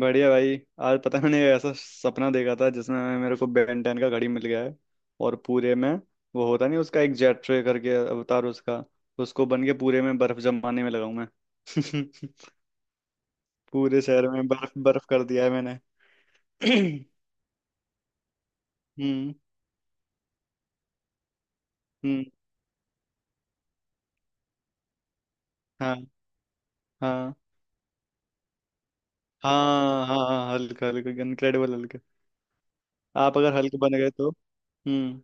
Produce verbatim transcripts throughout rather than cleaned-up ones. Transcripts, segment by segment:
बढ़िया भाई। आज पता है मैंने ऐसा सपना देखा था जिसमें मेरे को बेन टेन का घड़ी मिल गया है। और पूरे में वो होता नहीं उसका एक जेट ट्रे करके अवतार उसका, उसको बन के पूरे में बर्फ जमाने में लगा हूं मैं। पूरे शहर में बर्फ बर्फ कर दिया है मैंने। हम्म। हम्म। हाँ हाँ। हाँ हाँ हाँ, हल्क हल्क इनक्रेडिबल हल्क। आप अगर हल्क बन गए तो? हम्म।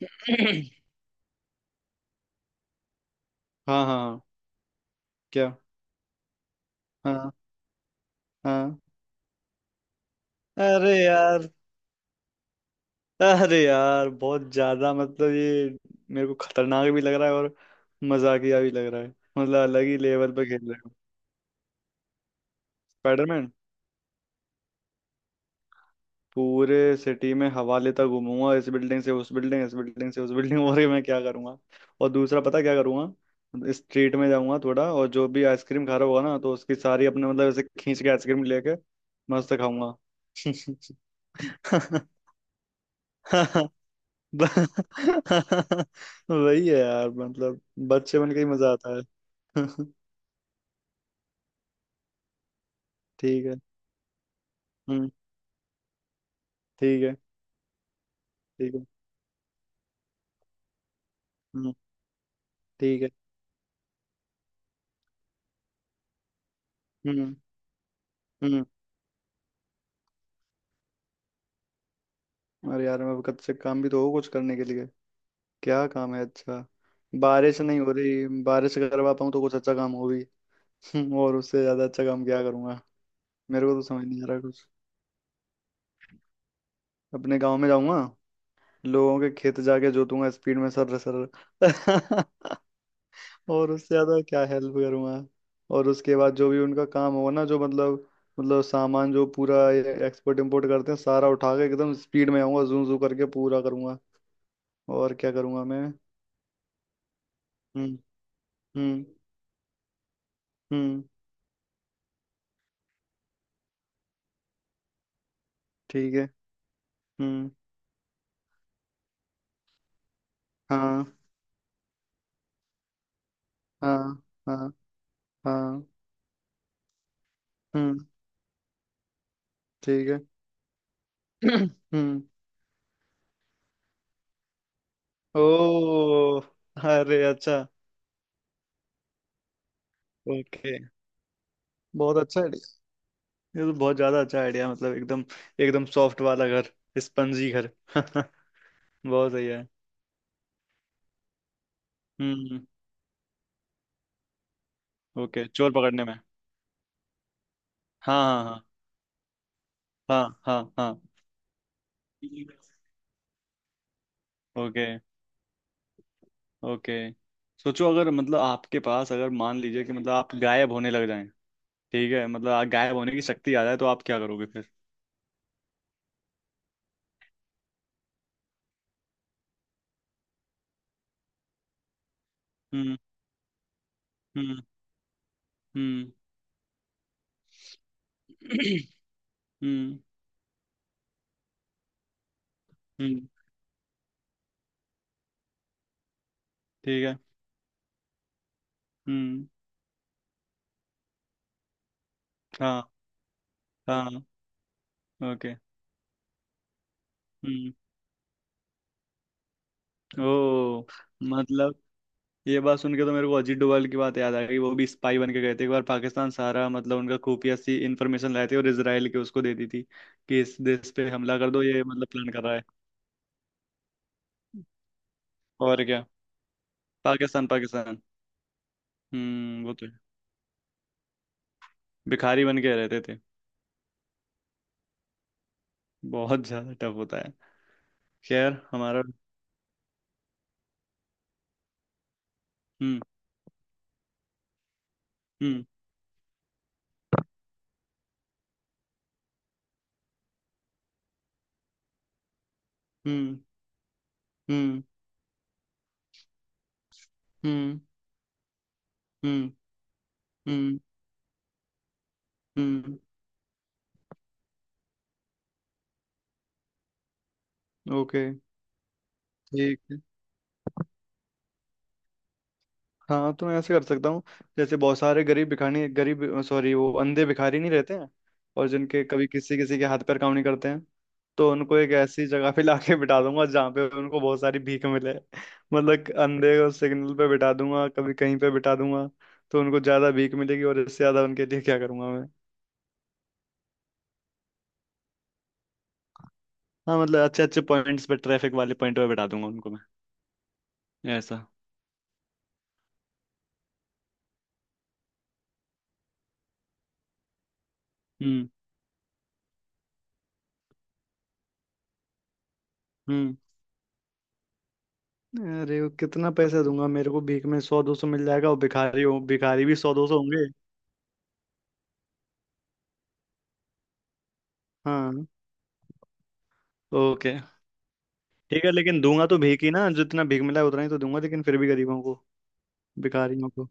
हाँ हाँ हाँ, क्या? हाँ। हाँ। अरे यार। अरे यार बहुत ज्यादा मतलब ये, मेरे को खतरनाक भी लग रहा है और मजाकिया भी लग रहा है। मतलब अलग ही लेवल पे खेल रहे हो। स्पाइडरमैन? पूरे सिटी में हवा लेता घूमूंगा, इस बिल्डिंग से उस बिल्डिंग, इस बिल्डिंग से उस बिल्डिंग, और ये मैं क्या करूंगा। और दूसरा पता क्या करूंगा, स्ट्रीट में जाऊंगा थोड़ा, और जो भी आइसक्रीम खा रहा होगा ना तो उसकी सारी अपने मतलब ऐसे खींच के आइसक्रीम लेके मस्त खाऊंगा। वही है यार मतलब, बच्चे बन के ही मजा आता। ठीक है। हम्म। ठीक है। ठीक है। हम्म। ठीक है। हम्म। हम्म। अरे यार मैं कब से काम भी तो हो कुछ करने के लिए। क्या काम है अच्छा? बारिश नहीं हो रही, बारिश अगर करवा पाऊँ तो कुछ अच्छा काम हो भी। और उससे ज्यादा अच्छा काम क्या करूंगा। मेरे को तो समझ नहीं आ रहा कुछ। अपने गांव में जाऊंगा, लोगों के खेत जाके जोतूंगा स्पीड में, सर सर। और उससे ज्यादा क्या हेल्प करूंगा। और उसके बाद जो भी उनका काम होगा ना, जो मतलब, मतलब सामान जो पूरा एक्सपोर्ट इम्पोर्ट करते हैं सारा उठा के एकदम स्पीड में आऊंगा, जू जू करके पूरा करूंगा। और क्या करूंगा मैं। हम्म। हम्म। हम्म। ठीक है। हम्म। हाँ। हाँ हाँ हाँ। हम्म। ठीक है। हम्म। ओ। अरे अच्छा। ओके। बहुत अच्छा आइडिया। ये तो बहुत ज्यादा अच्छा आइडिया मतलब एकदम, एकदम सॉफ्ट वाला घर, स्पंजी घर। बहुत सही है। हम्म। ओके चोर पकड़ने में। हाँ हाँ। हाँ हाँ हाँ हाँ। ओके। ओके। सोचो अगर मतलब आपके पास अगर मान लीजिए कि मतलब आप गायब होने लग जाएं। ठीक है, मतलब आप गायब होने की शक्ति आ जाए तो आप क्या करोगे फिर। हम्म। हम्म। हम्म। हम्म। हम्म। ठीक है। हम्म। हाँ। हाँ। ओके। हम्म। ओ। मतलब, ये बात सुन के तो मेरे को अजीत डोभाल की बात याद आ गई, वो भी स्पाई बन के गए थे एक बार पाकिस्तान, सारा मतलब उनका खुफिया सी इंफॉर्मेशन लाए थे और इसराइल के उसको दे दी थी कि इस देश पे हमला कर दो, ये मतलब प्लान कर रहा है। और क्या? पाकिस्तान, पाकिस्तान। हम्म वो तो है। भिखारी बन के रहते थे। बहुत ज्यादा टफ होता है। खैर हमारा। हम्म। हम्म। हम्म। हम्म। हम्म। हम्म। हम्म। हम्म, ओके। ठीक। हाँ तो मैं ऐसे कर सकता हूँ, जैसे बहुत सारे गरीब भिखारी, गरीब सॉरी, वो अंधे भिखारी नहीं रहते हैं और जिनके कभी किसी किसी के हाथ पैर काम नहीं करते हैं, तो उनको एक ऐसी जगह पे लाके बिठा दूंगा जहाँ पे उनको बहुत सारी भीख मिले। मतलब कि अंधे को सिग्नल पे बिठा दूंगा, कभी कहीं पे बिठा दूंगा, तो उनको ज्यादा भीख मिलेगी। और इससे ज्यादा उनके लिए क्या करूंगा मैं। हाँ मतलब अच्छे अच्छे पॉइंट्स पे, ट्रैफिक वाले पॉइंट पे बिठा दूंगा उनको मैं, ऐसा। हम्म। हम्म। अरे वो कितना पैसा दूंगा, मेरे को भीख में सौ दो सौ मिल जाएगा और भिखारी हो भिखारी भी सौ दो सौ होंगे। हाँ। ओके। ठीक है लेकिन दूंगा तो भीख ही ना, जितना भीख मिला है उतना ही तो दूंगा, लेकिन फिर भी गरीबों को, भिखारियों को।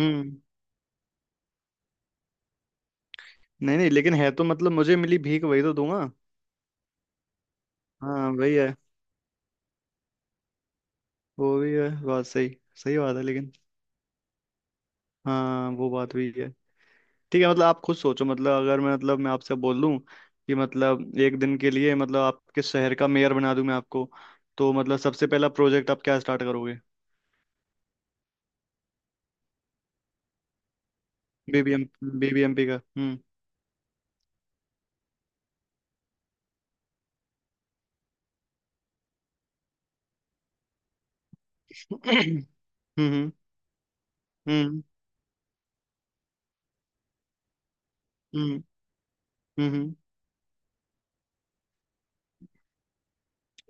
हम्म। नहीं नहीं, लेकिन है तो मतलब मुझे मिली भीख वही तो दूंगा। हाँ वही है। वो भी है बात सही। सही बात है लेकिन। हाँ वो बात भी है। ठीक है, मतलब आप खुद सोचो मतलब, अगर मैं मतलब मैं आपसे बोल दूं कि मतलब एक दिन के लिए मतलब आपके शहर का मेयर बना दूं मैं आपको, तो मतलब सबसे पहला प्रोजेक्ट आप क्या स्टार्ट करोगे। बीबीएम, बीबीएमपी का। हम्म। हम्म। हम्म। हम्म। हम्म। हम्म।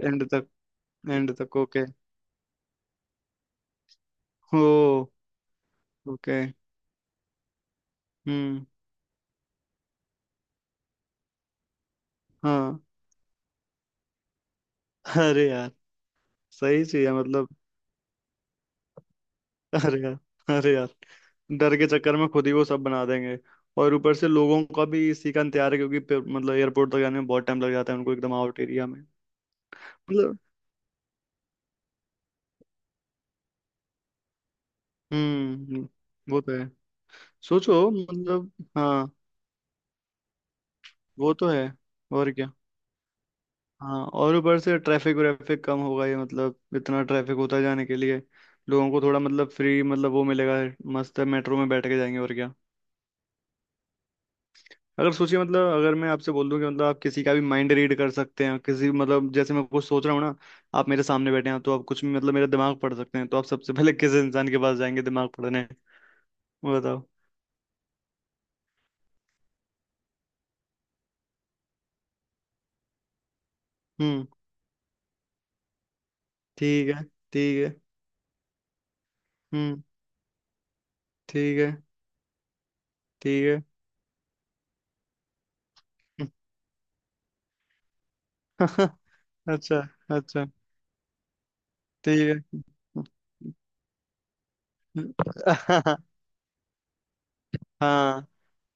एंड तक। एंड तक ओके। हो। ओके। हम्म। हाँ। अरे यार सही चीज है मतलब। अरे यार। अरे यार डर के चक्कर में खुद ही वो सब बना देंगे। और ऊपर से लोगों का भी इसी का इंतजार है क्योंकि पे- मतलब एयरपोर्ट तक जाने में बहुत टाइम लग जाता है उनको, एकदम आउट एरिया में। मतलब। हम्म। हम्म, वो तो है। सोचो मतलब। हाँ वो तो है। और क्या। हाँ, और ऊपर से ट्रैफिक व्रैफिक कम होगा ये, मतलब इतना ट्रैफिक होता है जाने के लिए, लोगों को थोड़ा मतलब फ्री मतलब वो मिलेगा, मस्त है मेट्रो में बैठ के जाएंगे और क्या। अगर सोचिए मतलब, अगर मैं आपसे बोल दूं कि मतलब आप किसी का भी माइंड रीड कर सकते हैं, किसी मतलब जैसे मैं कुछ सोच रहा हूँ ना, आप मेरे सामने बैठे हैं तो आप कुछ भी मतलब मेरा दिमाग पढ़ सकते हैं, तो आप सबसे पहले किस इंसान के पास जाएंगे दिमाग पढ़ने, वो बताओ। हम्म। ठीक है। ठीक है। हम्म। ठीक है। ठीक है। अच्छा। अच्छा। ठीक है। हाँ।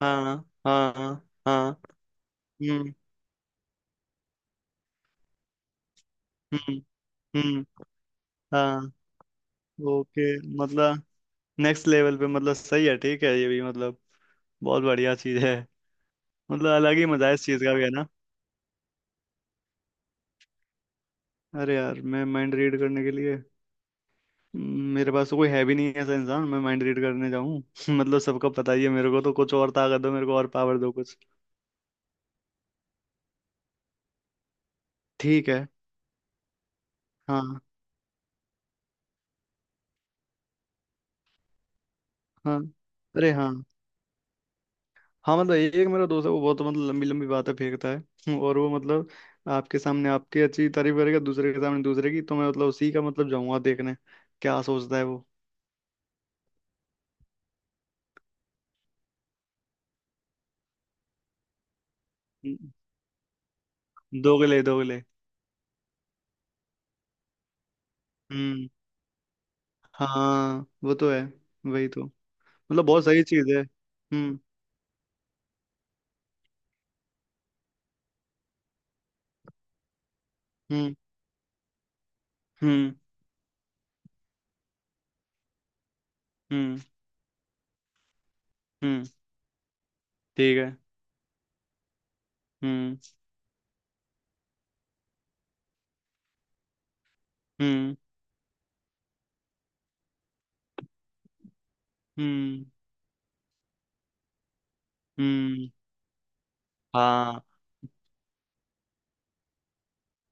हाँ। हाँ हाँ। हम्म। हम्म। हम्म। हाँ। ओके। मतलब नेक्स्ट लेवल पे मतलब सही है, ठीक है, ये भी मतलब बहुत बढ़िया चीज है। मतलब अलग ही मजा है इस चीज का भी है ना। अरे यार मैं माइंड रीड करने के लिए, हम्म, मेरे पास तो कोई है भी नहीं ऐसा इंसान मैं माइंड रीड करने जाऊं। मतलब सबको पता ही है मेरे को, तो कुछ और ताकत दो मेरे को, और पावर दो कुछ। ठीक है। हाँ। हाँ। अरे हाँ। हाँ मतलब एक मेरा दोस्त है, वो बहुत मतलब लंबी लंबी बातें फेंकता है और वो मतलब आपके सामने आपकी अच्छी तारीफ करेगा, दूसरे के सामने दूसरे की, तो मैं मतलब उसी का मतलब जाऊंगा देखने क्या सोचता है वो। हम्म, दोगले दोगले। हम्म। हाँ वो तो है। वही तो। मतलब बहुत सही चीज है। हम्म। हम्म। हम्म। हम्म। हम्म। ठीक है। हम्म। हम्म। हम्म। हम्म। हाँ।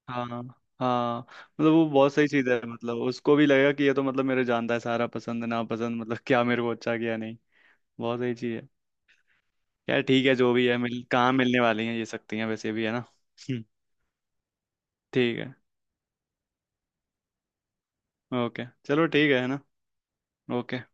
हाँ। हाँ मतलब वो बहुत सही चीज है, मतलब उसको भी लगेगा कि ये तो मतलब मेरे जानता है सारा पसंद नापसंद मतलब क्या मेरे को अच्छा क्या नहीं। बहुत सही चीज है। यार ठीक है, जो भी है मिल कहाँ मिलने वाली हैं ये सकती हैं वैसे भी, है ना। हम्म, ठीक है। ओके चलो, ठीक है है ना। ओके।